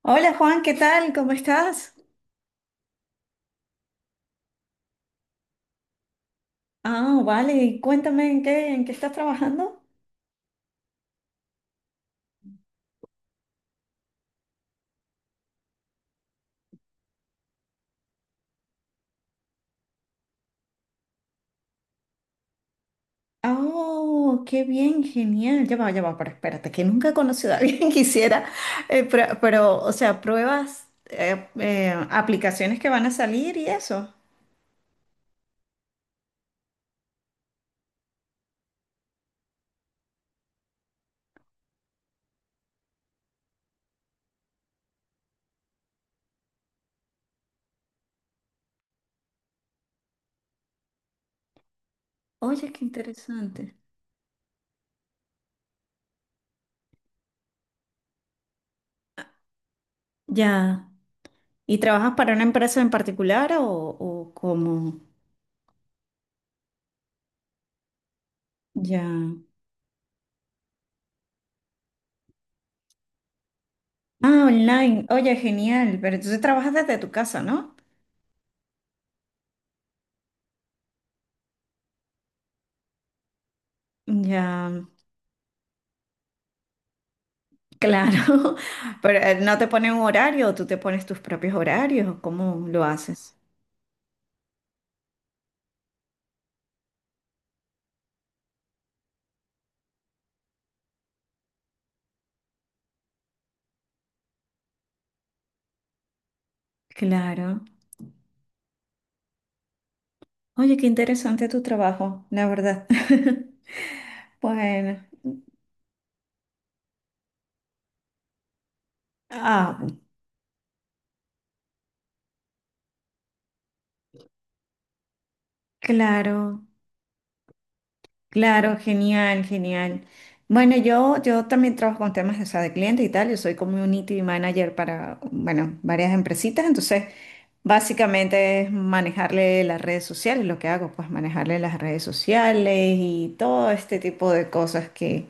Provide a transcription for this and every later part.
Hola, Juan, ¿qué tal? ¿Cómo estás? Ah, vale, cuéntame en qué estás trabajando. Oh, qué bien, genial. Ya va, pero espérate, que nunca he conocido a alguien que hiciera, pero, o sea, pruebas, aplicaciones que van a salir y eso. Oye, qué interesante. Ya. ¿Y trabajas para una empresa en particular o cómo? Ya. Ah, online. Oye, genial. Pero entonces trabajas desde tu casa, ¿no? Ya. Claro, pero no te ponen un horario, tú te pones tus propios horarios, ¿cómo lo haces? Claro. Oye, qué interesante tu trabajo, la verdad. Bueno, ah, claro, claro, genial, genial. Bueno, yo también trabajo con temas, o sea, de clientes y tal. Yo soy community manager para, bueno, varias empresitas, entonces básicamente es manejarle las redes sociales, lo que hago, pues manejarle las redes sociales y todo este tipo de cosas que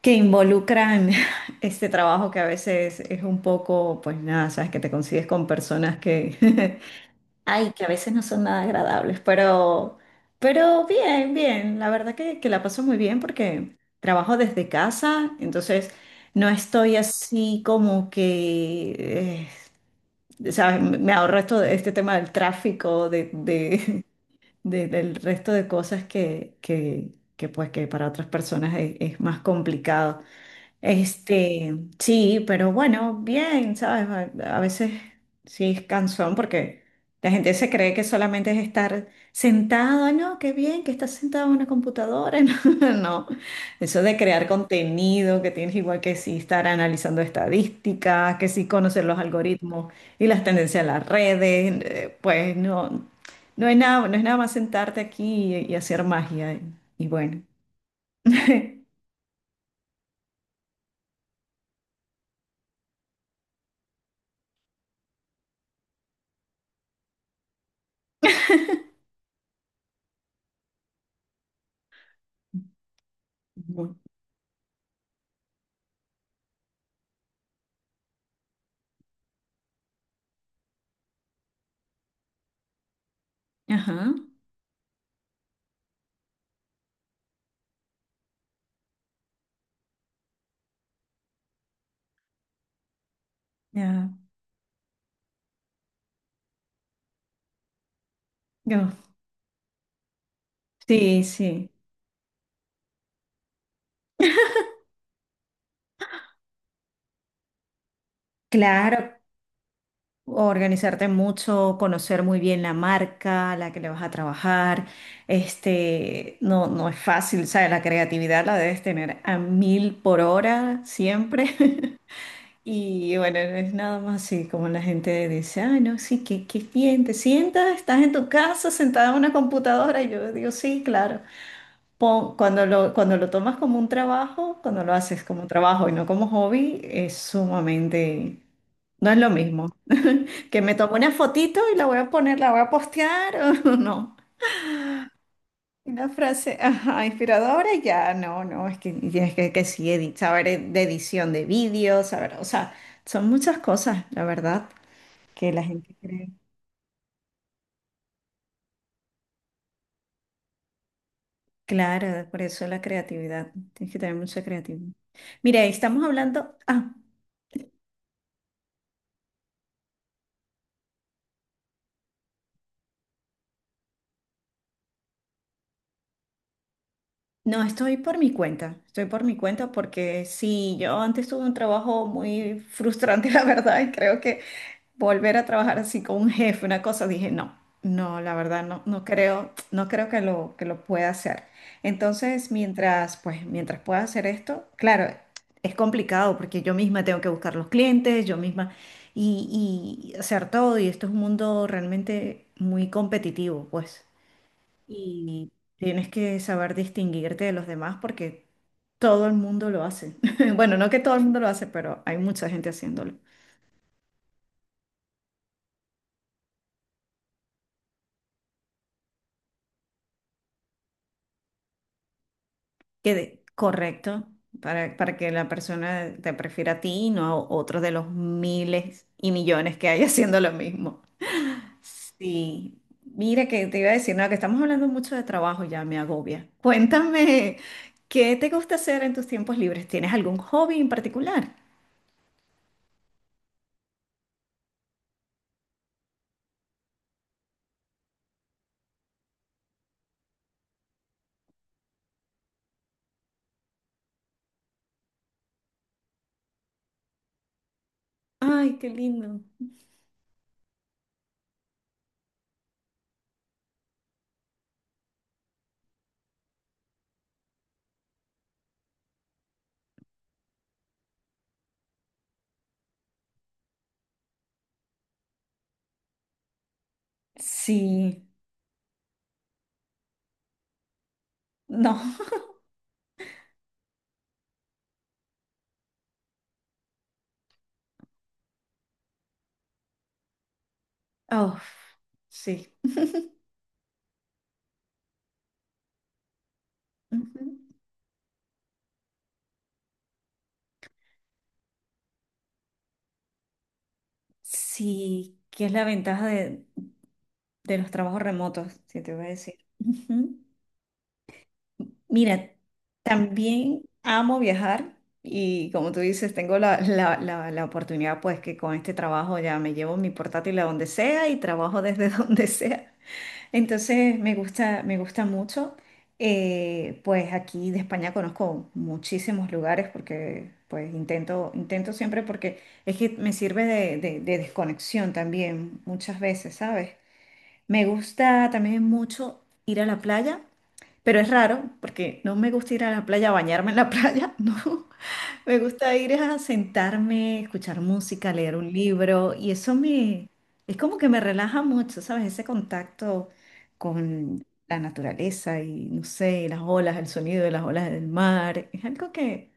que involucran este trabajo que a veces es un poco, pues nada, sabes que te consigues con personas que, ay, que a veces no son nada agradables, pero bien, bien, la verdad que la paso muy bien porque trabajo desde casa, entonces no estoy así como que, sabes, me ahorro esto, este tema del tráfico, de- del resto de cosas que pues que para otras personas es más complicado. Este, sí, pero bueno, bien, ¿sabes? A veces sí es cansón porque la gente se cree que solamente es estar sentado. No, qué bien que estás sentado en una computadora, no, no. Eso de crear contenido, que tienes igual que sí estar analizando estadísticas, que sí conocer los algoritmos y las tendencias de las redes, pues no, no es nada, no es nada más sentarte aquí y hacer magia y bueno. Ajá, ya. Sí, sí. Claro, organizarte mucho, conocer muy bien la marca a la que le vas a trabajar. Este, no, no es fácil, ¿sabes? La creatividad la debes tener a mil por hora siempre. Y bueno, no es nada más así como la gente dice, ay, no, sí, qué, qué bien, te sientas, estás en tu casa sentada en una computadora. Y yo digo, sí, claro. Cuando cuando lo tomas como un trabajo, cuando lo haces como un trabajo y no como hobby, es sumamente. No es lo mismo. Que me tomo una fotito y la voy a poner, la voy a postear o no. Una frase, ajá, inspiradora, y ya, no, no, es que tienes que sí, saber de edición de vídeos, saber, o sea, son muchas cosas, la verdad, que la gente cree. Claro, por eso la creatividad, tienes que tener mucha creatividad. Mire, estamos hablando, ah, no, estoy por mi cuenta, estoy por mi cuenta porque sí, yo antes tuve un trabajo muy frustrante, la verdad, y creo que volver a trabajar así con un jefe, una cosa, dije, no, no, la verdad no, no creo, no creo que que lo pueda hacer. Entonces, mientras, pues, mientras pueda hacer esto, claro, es complicado porque yo misma tengo que buscar los clientes, yo misma, y hacer todo, y esto es un mundo realmente muy competitivo, pues, y tienes que saber distinguirte de los demás porque todo el mundo lo hace. Bueno, no que todo el mundo lo hace, pero hay mucha gente haciéndolo. Correcto, para que la persona te prefiera a ti y no a otro de los miles y millones que hay haciendo lo mismo. Sí, mira que te iba a decir, no, que estamos hablando mucho de trabajo, ya me agobia. Cuéntame, ¿qué te gusta hacer en tus tiempos libres? ¿Tienes algún hobby en particular? Ay, qué lindo. Sí, no. Oh, sí. Ujú. Sí, que es la ventaja de los trabajos remotos, si te voy a decir. Ujú. Mira, también amo viajar y como tú dices, tengo la oportunidad pues que con este trabajo ya me llevo mi portátil a donde sea y trabajo desde donde sea. Entonces me gusta mucho. Pues aquí de España conozco muchísimos lugares porque pues intento, intento siempre porque es que me sirve de, de desconexión también muchas veces, ¿sabes? Me gusta también mucho ir a la playa. Pero es raro porque no me gusta ir a la playa a bañarme en la playa, no. Me gusta ir a sentarme, escuchar música, leer un libro y eso me, es como que me relaja mucho, ¿sabes? Ese contacto con la naturaleza y no sé, las olas, el sonido de las olas del mar. Es algo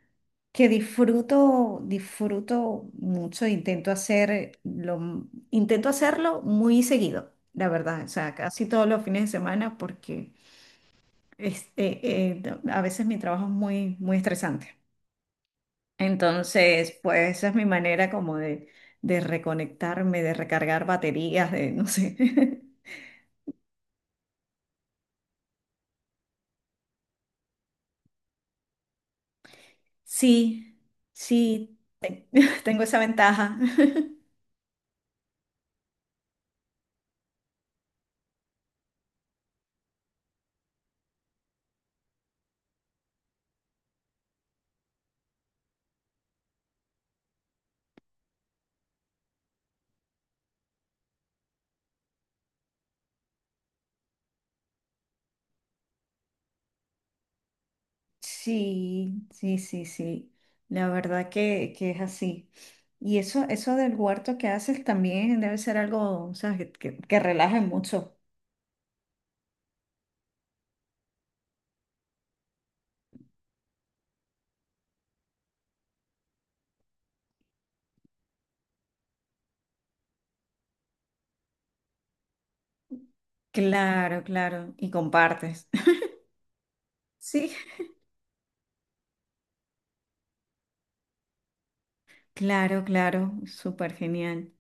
que disfruto, disfruto mucho, intento hacerlo muy seguido, la verdad. O sea, casi todos los fines de semana porque este, a veces mi trabajo es muy, muy estresante. Entonces, pues esa es mi manera como de reconectarme, de recargar baterías, de no sé. Sí, sí, tengo esa ventaja. Sí, sí, sí, sí. La verdad que es así. Y eso del huerto que haces también debe ser algo, o sea, que relaje mucho. Claro, claro. Y compartes. Sí. Claro, claro, súper genial.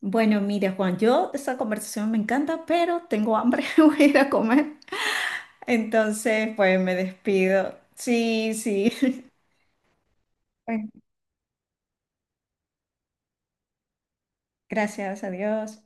Bueno, mira, Juan, yo esa conversación me encanta, pero tengo hambre, voy a ir a comer. Entonces, pues me despido. Sí, sí. Bueno, gracias, adiós.